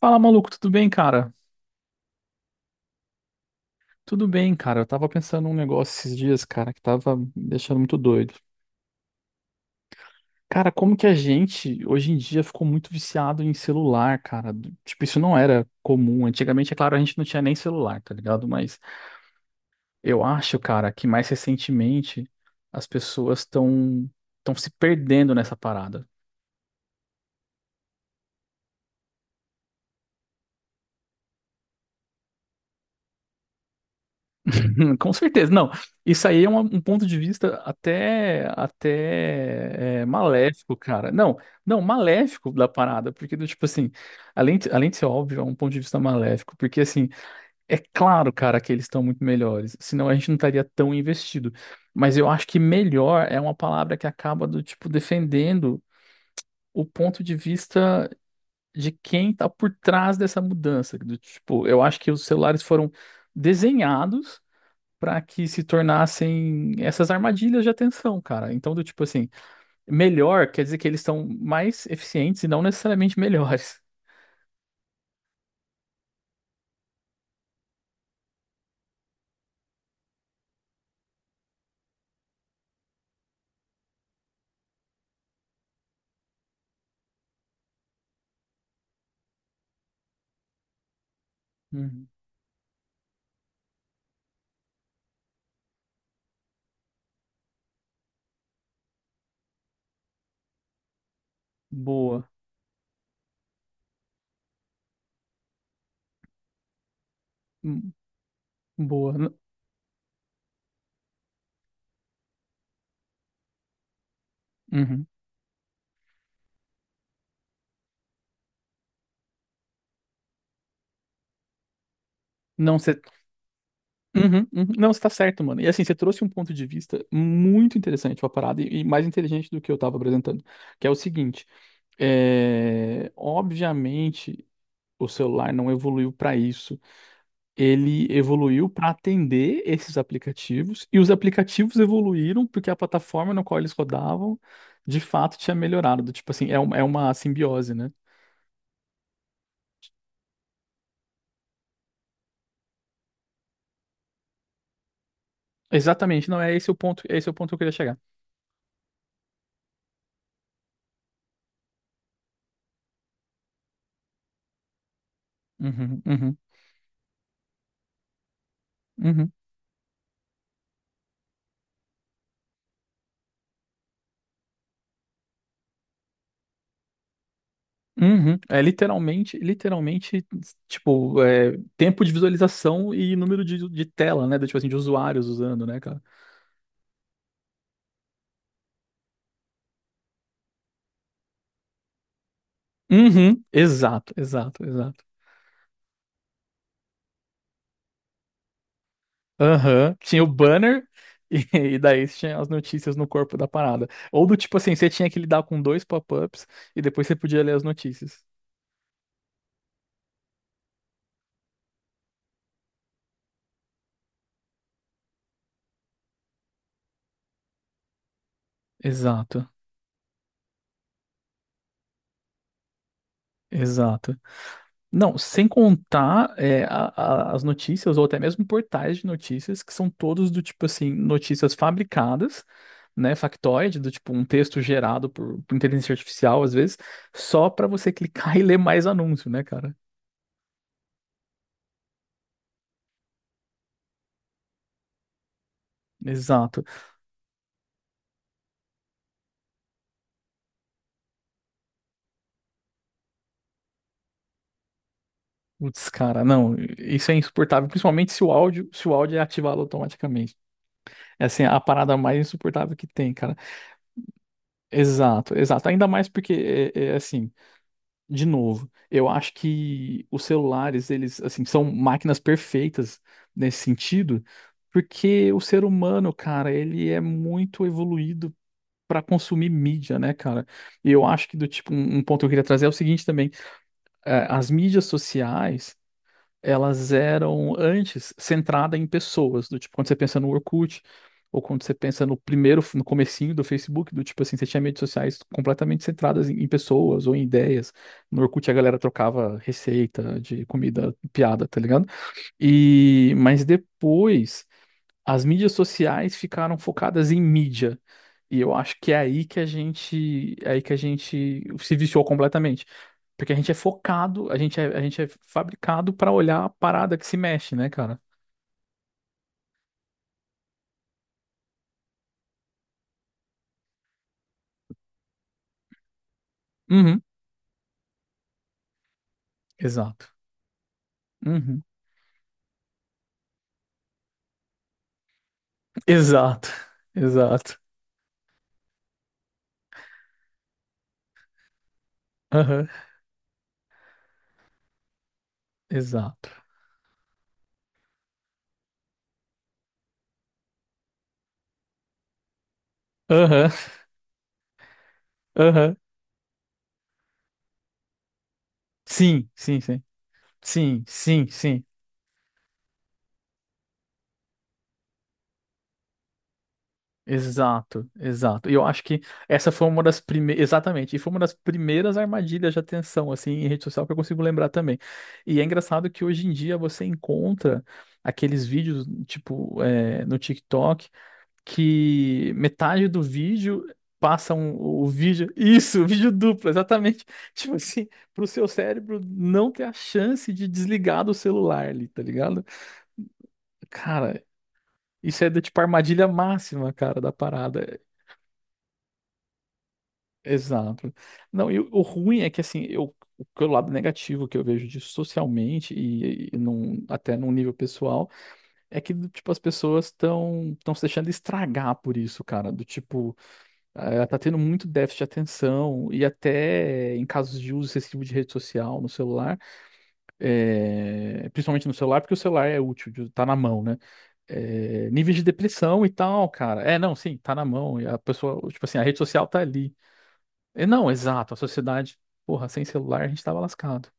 Fala, maluco, tudo bem, cara? Tudo bem, cara. Eu tava pensando num negócio esses dias, cara, que tava me deixando muito doido. Cara, como que a gente hoje em dia ficou muito viciado em celular, cara? Tipo, isso não era comum. Antigamente, é claro, a gente não tinha nem celular, tá ligado? Mas eu acho, cara, que mais recentemente as pessoas estão se perdendo nessa parada. Com certeza, não. Isso aí é um ponto de vista até maléfico, cara. Não, não, maléfico da parada, porque do tipo assim, além de ser óbvio, é um ponto de vista maléfico, porque assim, é claro, cara, que eles estão muito melhores, senão a gente não estaria tão investido. Mas eu acho que melhor é uma palavra que acaba do tipo defendendo o ponto de vista de quem tá por trás dessa mudança, do tipo, eu acho que os celulares foram desenhados para que se tornassem essas armadilhas de atenção, cara. Então, do tipo assim, melhor quer dizer que eles são mais eficientes e não necessariamente melhores. Uhum. Boa. Hum. Boa. Uhum. Não, você. Uhum, uhum. Não, você tá certo, mano. E assim, você trouxe um ponto de vista muito interessante pra parada e mais inteligente do que eu tava apresentando, que é o seguinte: obviamente o celular não evoluiu pra isso. Ele evoluiu para atender esses aplicativos, e os aplicativos evoluíram porque a plataforma na qual eles rodavam, de fato, tinha melhorado. Do tipo assim, é uma simbiose, né? Exatamente, não, é esse o ponto, é esse o ponto que eu queria chegar. Uhum, uhum, uhum, uhum. É literalmente, literalmente, tipo, tempo de visualização e número de tela, né? Do, tipo assim, de usuários usando, né, cara? Uhum, exato, exato, exato. Aham, tinha o banner e, e daí tinha as notícias no corpo da parada. Ou do tipo assim, você tinha que lidar com dois pop-ups e depois você podia ler as notícias. Exato, exato. Não, sem contar as notícias, ou até mesmo portais de notícias, que são todos do tipo assim, notícias fabricadas, né? Factoide, do tipo um texto gerado por inteligência artificial, às vezes, só pra você clicar e ler mais anúncio, né, cara? Exato. Putz, cara, não, isso é insuportável, principalmente se o áudio é ativado automaticamente. É assim, a parada mais insuportável que tem, cara. Exato, exato. Ainda mais porque é assim, de novo, eu acho que os celulares, eles assim, são máquinas perfeitas nesse sentido, porque o ser humano, cara, ele é muito evoluído para consumir mídia, né, cara? E eu acho que do tipo um ponto que eu queria trazer é o seguinte também, as mídias sociais elas eram antes centrada pessoas, do tipo, quando você pensa no Orkut, ou quando você pensa no primeiro, no comecinho do Facebook, do tipo assim, você tinha redes sociais completamente centradas em pessoas ou em ideias. No Orkut a galera trocava receita de comida, piada, tá ligado? E, mas depois as mídias sociais ficaram focadas em mídia. E eu acho que é aí que a gente, é aí que a gente se viciou completamente. Porque a gente é focado, a gente é fabricado pra olhar a parada que se mexe, né, cara? Uhum. Exato. Uhum. Exato. Exato. Aham. Exato. Aham. Aham. Sim, sim, sim. Sim, sim, sim. Exato, exato. E eu acho que essa foi uma das primeiras, exatamente, e foi uma das primeiras armadilhas de atenção, assim, em rede social que eu consigo lembrar também. E é engraçado que hoje em dia você encontra aqueles vídeos, tipo, no TikTok que metade do vídeo o vídeo. Isso, o vídeo duplo, exatamente. Tipo assim, pro seu cérebro não ter a chance de desligar do celular ali, tá ligado? Cara, isso é da tipo armadilha máxima, cara, da parada. Exato. Não, e o ruim é que assim, eu. O que é o lado negativo que eu vejo disso socialmente e até num nível pessoal é que, tipo, as pessoas estão se deixando estragar por isso, cara. Do tipo, ela tá tendo muito déficit de atenção e até em casos de uso excessivo de rede social no celular, principalmente no celular, porque o celular é útil, tá na mão, né? É, níveis de depressão e tal, cara. É, não, sim, tá na mão. E a pessoa, tipo assim, a rede social tá ali. É, não, exato, a sociedade, porra, sem celular a gente tava lascado.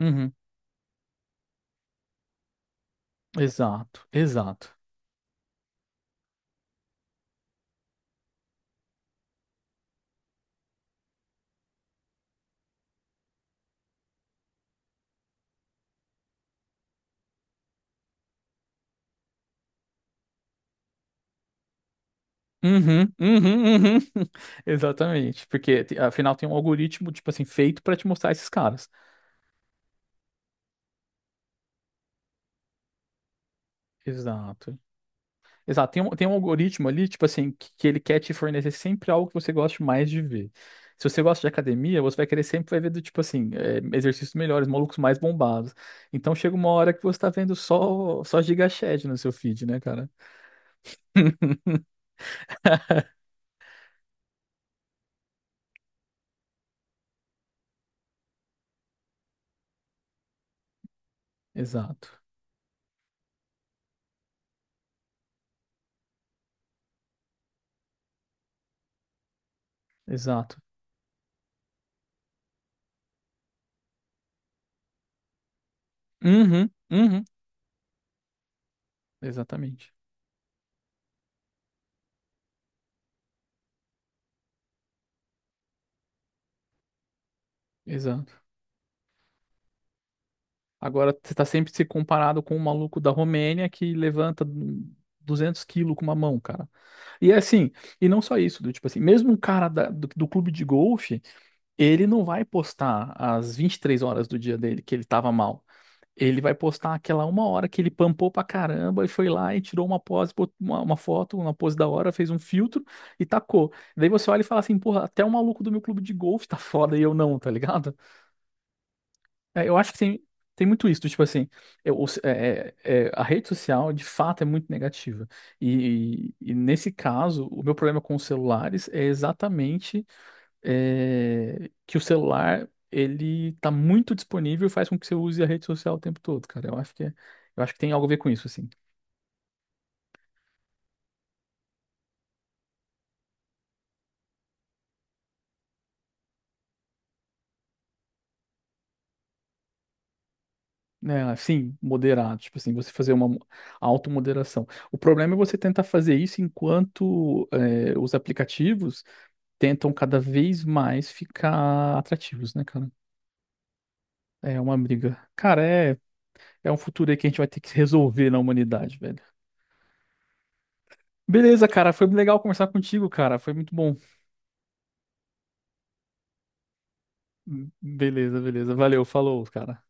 Uhum, exato, exato. Uhum, uhum, uhum. Exatamente, porque afinal tem um algoritmo, tipo assim, feito pra te mostrar esses caras. Exato. Exato, tem um algoritmo ali, tipo assim, que ele quer te fornecer sempre algo que você goste mais de ver. Se você gosta de academia, você vai querer sempre vai ver do tipo assim, exercícios melhores, malucos mais bombados. Então chega uma hora que você tá vendo só, só gigachad no seu feed, né, cara? Exato, exato. Uhum, uhum, exatamente, exato. Agora você tá sempre se comparado com um maluco da Romênia que levanta 200 quilos com uma mão, cara. E é assim, e não só isso, do tipo assim, mesmo um cara do clube de golfe. Ele não vai postar as 23 horas do dia dele que ele tava mal. Ele vai postar aquela uma hora que ele pampou pra caramba e foi lá e tirou uma pose, uma foto, uma pose da hora, fez um filtro e tacou. Daí você olha e fala assim, porra, até o maluco do meu clube de golfe tá foda e eu não, tá ligado? É, eu acho que tem muito isso, do tipo assim, a rede social de fato é muito negativa. E, e nesse caso, o meu problema com os celulares é exatamente que o celular ele tá muito disponível e faz com que você use a rede social o tempo todo, cara. Eu acho que eu acho que tem algo a ver com isso, assim. Né, sim, moderado, tipo assim, você fazer uma automoderação. O problema é você tentar fazer isso enquanto os aplicativos tentam cada vez mais ficar atrativos, né, cara? É uma briga. Cara, é um futuro aí que a gente vai ter que resolver na humanidade, velho. Beleza, cara, foi legal conversar contigo, cara. Foi muito bom. Beleza, beleza. Valeu, falou, cara.